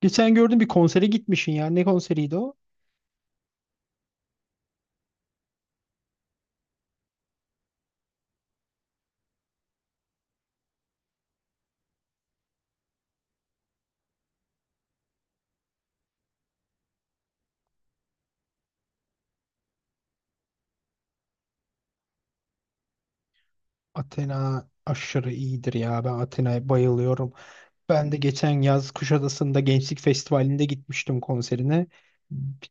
Geçen gördüm bir konsere gitmişsin ya. Ne konseriydi o? Athena aşırı iyidir ya. Ben Athena'ya bayılıyorum. Ben de geçen yaz Kuşadası'nda Gençlik Festivali'nde gitmiştim konserine.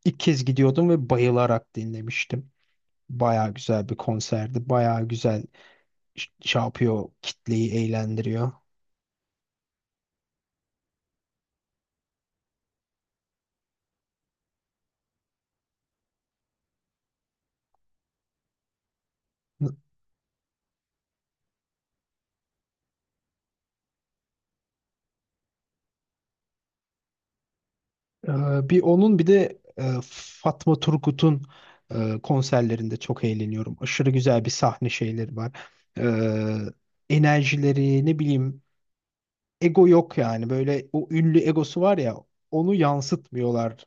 İlk kez gidiyordum ve bayılarak dinlemiştim. Baya güzel bir konserdi. Baya güzel şey yapıyor, kitleyi eğlendiriyor. Ee, Bir onun bir de Fatma Turgut'un konserlerinde çok eğleniyorum. Aşırı güzel bir sahne şeyleri var. Ee, Enerjileri ne bileyim, ego yok yani. Böyle o ünlü egosu var ya, onu yansıtmıyorlar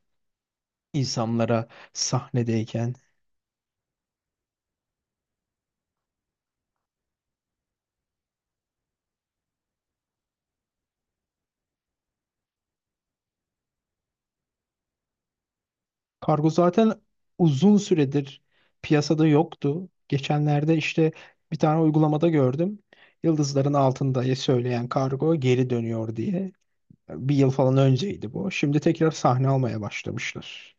insanlara sahnedeyken. Kargo zaten uzun süredir piyasada yoktu. Geçenlerde işte bir tane uygulamada gördüm. Yıldızların altında söyleyen kargo geri dönüyor diye. Bir yıl falan önceydi bu. Şimdi tekrar sahne almaya başlamışlar.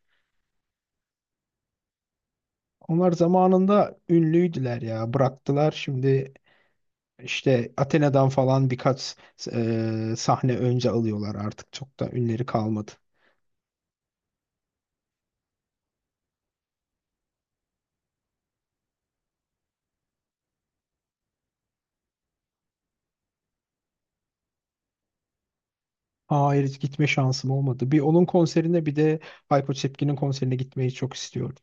Onlar zamanında ünlüydüler ya. Bıraktılar şimdi. İşte Athena'dan falan birkaç sahne önce alıyorlar artık. Çok da ünleri kalmadı. Hayır, hiç gitme şansım olmadı. Bir onun konserine bir de Hayko Cepkin'in konserine gitmeyi çok istiyorum.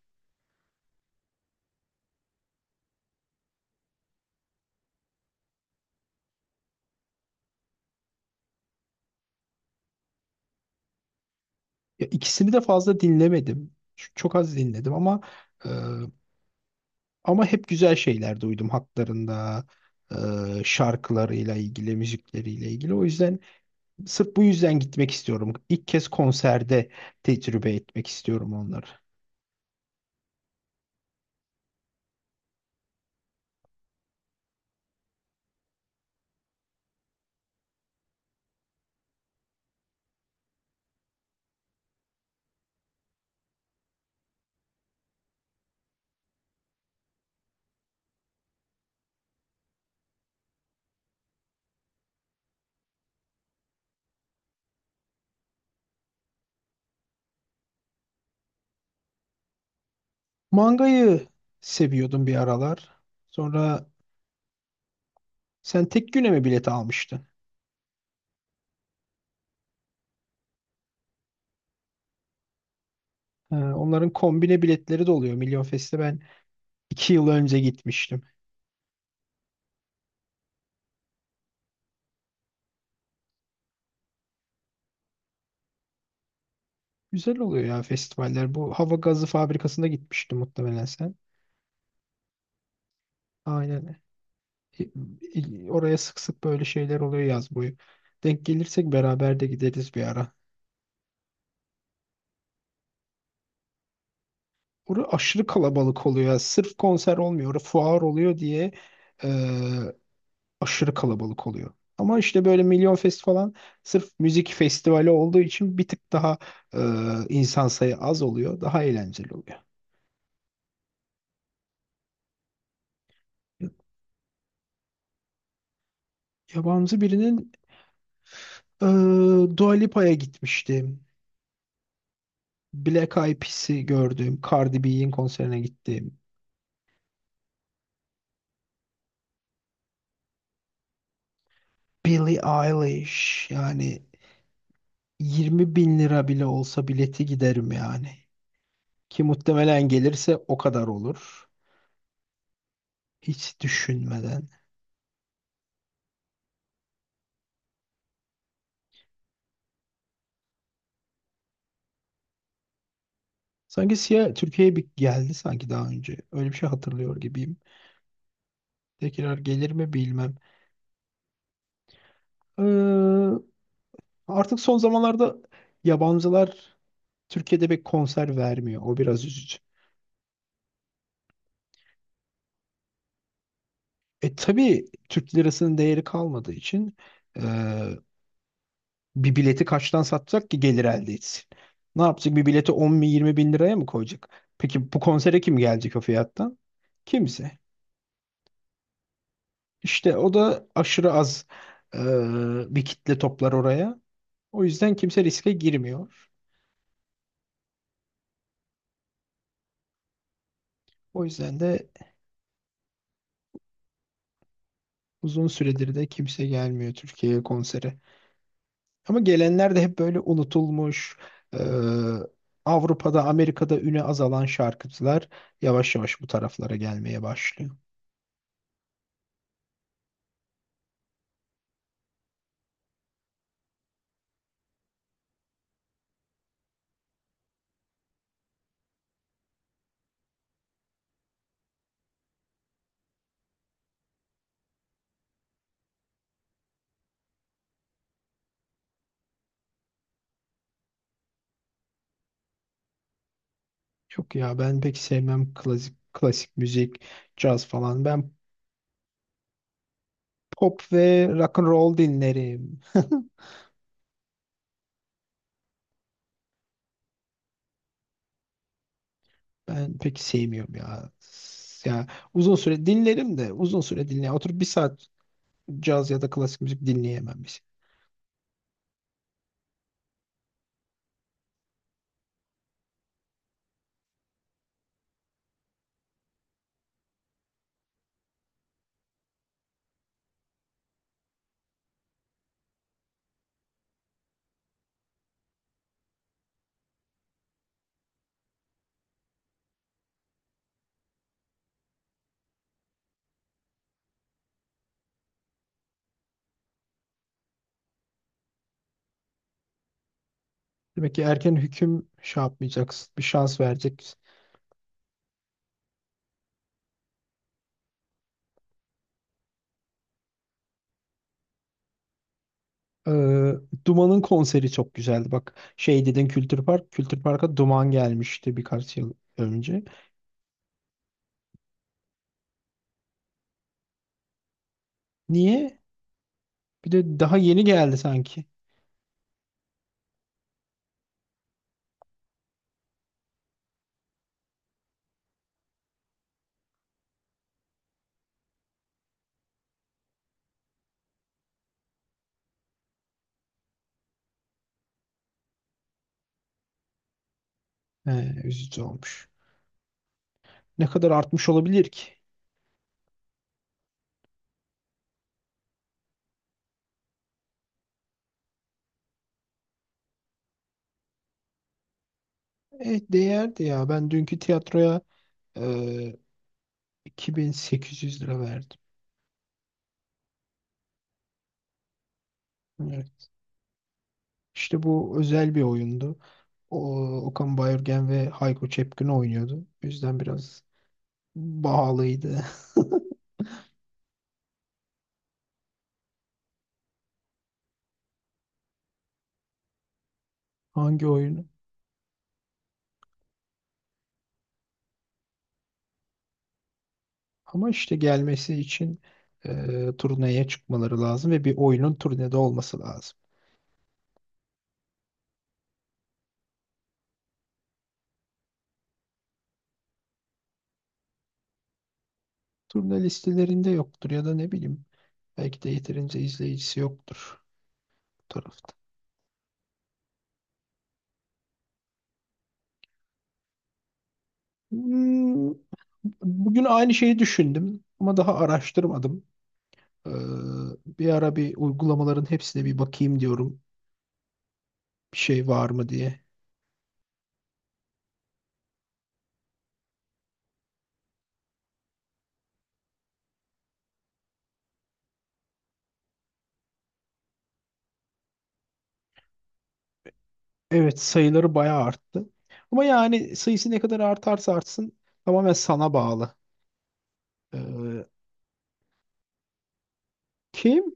Ya ikisini de fazla dinlemedim. Çok az dinledim ama e, ama hep güzel şeyler duydum haklarında, şarkılarıyla ilgili, müzikleriyle ilgili. O yüzden sırf bu yüzden gitmek istiyorum. İlk kez konserde tecrübe etmek istiyorum onları. Mangayı seviyordum bir aralar. Sonra, sen tek güne mi bilet almıştın? Onların kombine biletleri de oluyor. Milyon Fest'e ben iki yıl önce gitmiştim. Güzel oluyor ya festivaller. Bu hava gazı fabrikasında gitmiştim muhtemelen sen. Aynen. Oraya sık sık böyle şeyler oluyor yaz boyu. Denk gelirsek beraber de gideriz bir ara. Orası aşırı kalabalık oluyor. Sırf konser olmuyor. Orası fuar oluyor diye e, aşırı kalabalık oluyor. Ama işte böyle Milyon Fest falan sırf müzik festivali olduğu için bir tık daha e, insan sayı az oluyor. Daha eğlenceli oluyor. Yabancı birinin, e, Dua Lipa'ya gitmiştim. Black Eyed Peas'i gördüm. Cardi B'nin konserine gittim. Billie Eilish yani, 20 bin lira bile olsa bileti giderim yani. Ki muhtemelen gelirse o kadar olur. Hiç düşünmeden. Sanki Sia Türkiye'ye bir geldi sanki daha önce. Öyle bir şey hatırlıyor gibiyim. Tekrar gelir mi bilmem. Ee, Artık son zamanlarda yabancılar Türkiye'de bir konser vermiyor. O biraz üzücü. E tabii Türk lirasının değeri kalmadığı için, ee, bir bileti kaçtan satacak ki gelir elde etsin? Ne yapacak? Bir bileti 10 bin 20 bin liraya mı koyacak? Peki bu konsere kim gelecek o fiyattan? Kimse. İşte o da aşırı az bir kitle toplar oraya. O yüzden kimse riske girmiyor. O yüzden de uzun süredir de kimse gelmiyor Türkiye'ye konsere. Ama gelenler de hep böyle unutulmuş, e, Avrupa'da, Amerika'da üne azalan şarkıcılar yavaş yavaş bu taraflara gelmeye başlıyor. Yok ya, ben pek sevmem klasik klasik müzik, caz falan. Ben pop ve rock and roll dinlerim. Ben pek sevmiyorum ya. Ya uzun süre dinlerim de uzun süre dinleyemem. Oturup bir saat caz ya da klasik müzik dinleyemem. Biz. Demek ki erken hüküm şey yapmayacaksın. Bir şans vereceksin. Ee, Duman'ın konseri çok güzeldi. Bak şey dedin, Kültür Park. Kültür Park'a Duman gelmişti birkaç yıl önce. Niye? Bir de daha yeni geldi sanki. He, üzücü olmuş. Ne kadar artmış olabilir ki? E, değerdi ya. Ben dünkü tiyatroya e, 2.800 lira verdim. Evet. İşte bu özel bir oyundu. O, Okan Bayülgen ve Hayko Cepkin oynuyordu. O yüzden biraz pahalıydı. Hangi oyunu? Ama işte gelmesi için turneye çıkmaları lazım ve bir oyunun turnede olması lazım. Turne listelerinde yoktur ya da ne bileyim, belki de yeterince izleyicisi yoktur bu tarafta. Hmm, bugün aynı şeyi düşündüm ama daha araştırmadım. Ee, Bir ara bir uygulamaların hepsine bir bakayım diyorum. Bir şey var mı diye. Evet, sayıları bayağı arttı. Ama yani sayısı ne kadar artarsa artsın tamamen sana bağlı. Ee, Kim?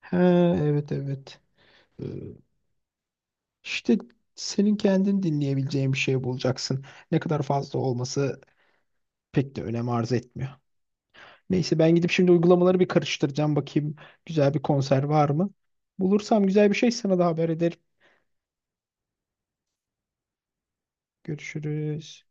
Ha, evet evet. Ee, İşte senin kendin dinleyebileceğin bir şey bulacaksın. Ne kadar fazla olması pek de önem arz etmiyor. Neyse, ben gidip şimdi uygulamaları bir karıştıracağım. Bakayım güzel bir konser var mı? Bulursam güzel bir şey sana da haber ederim. Görüşürüz.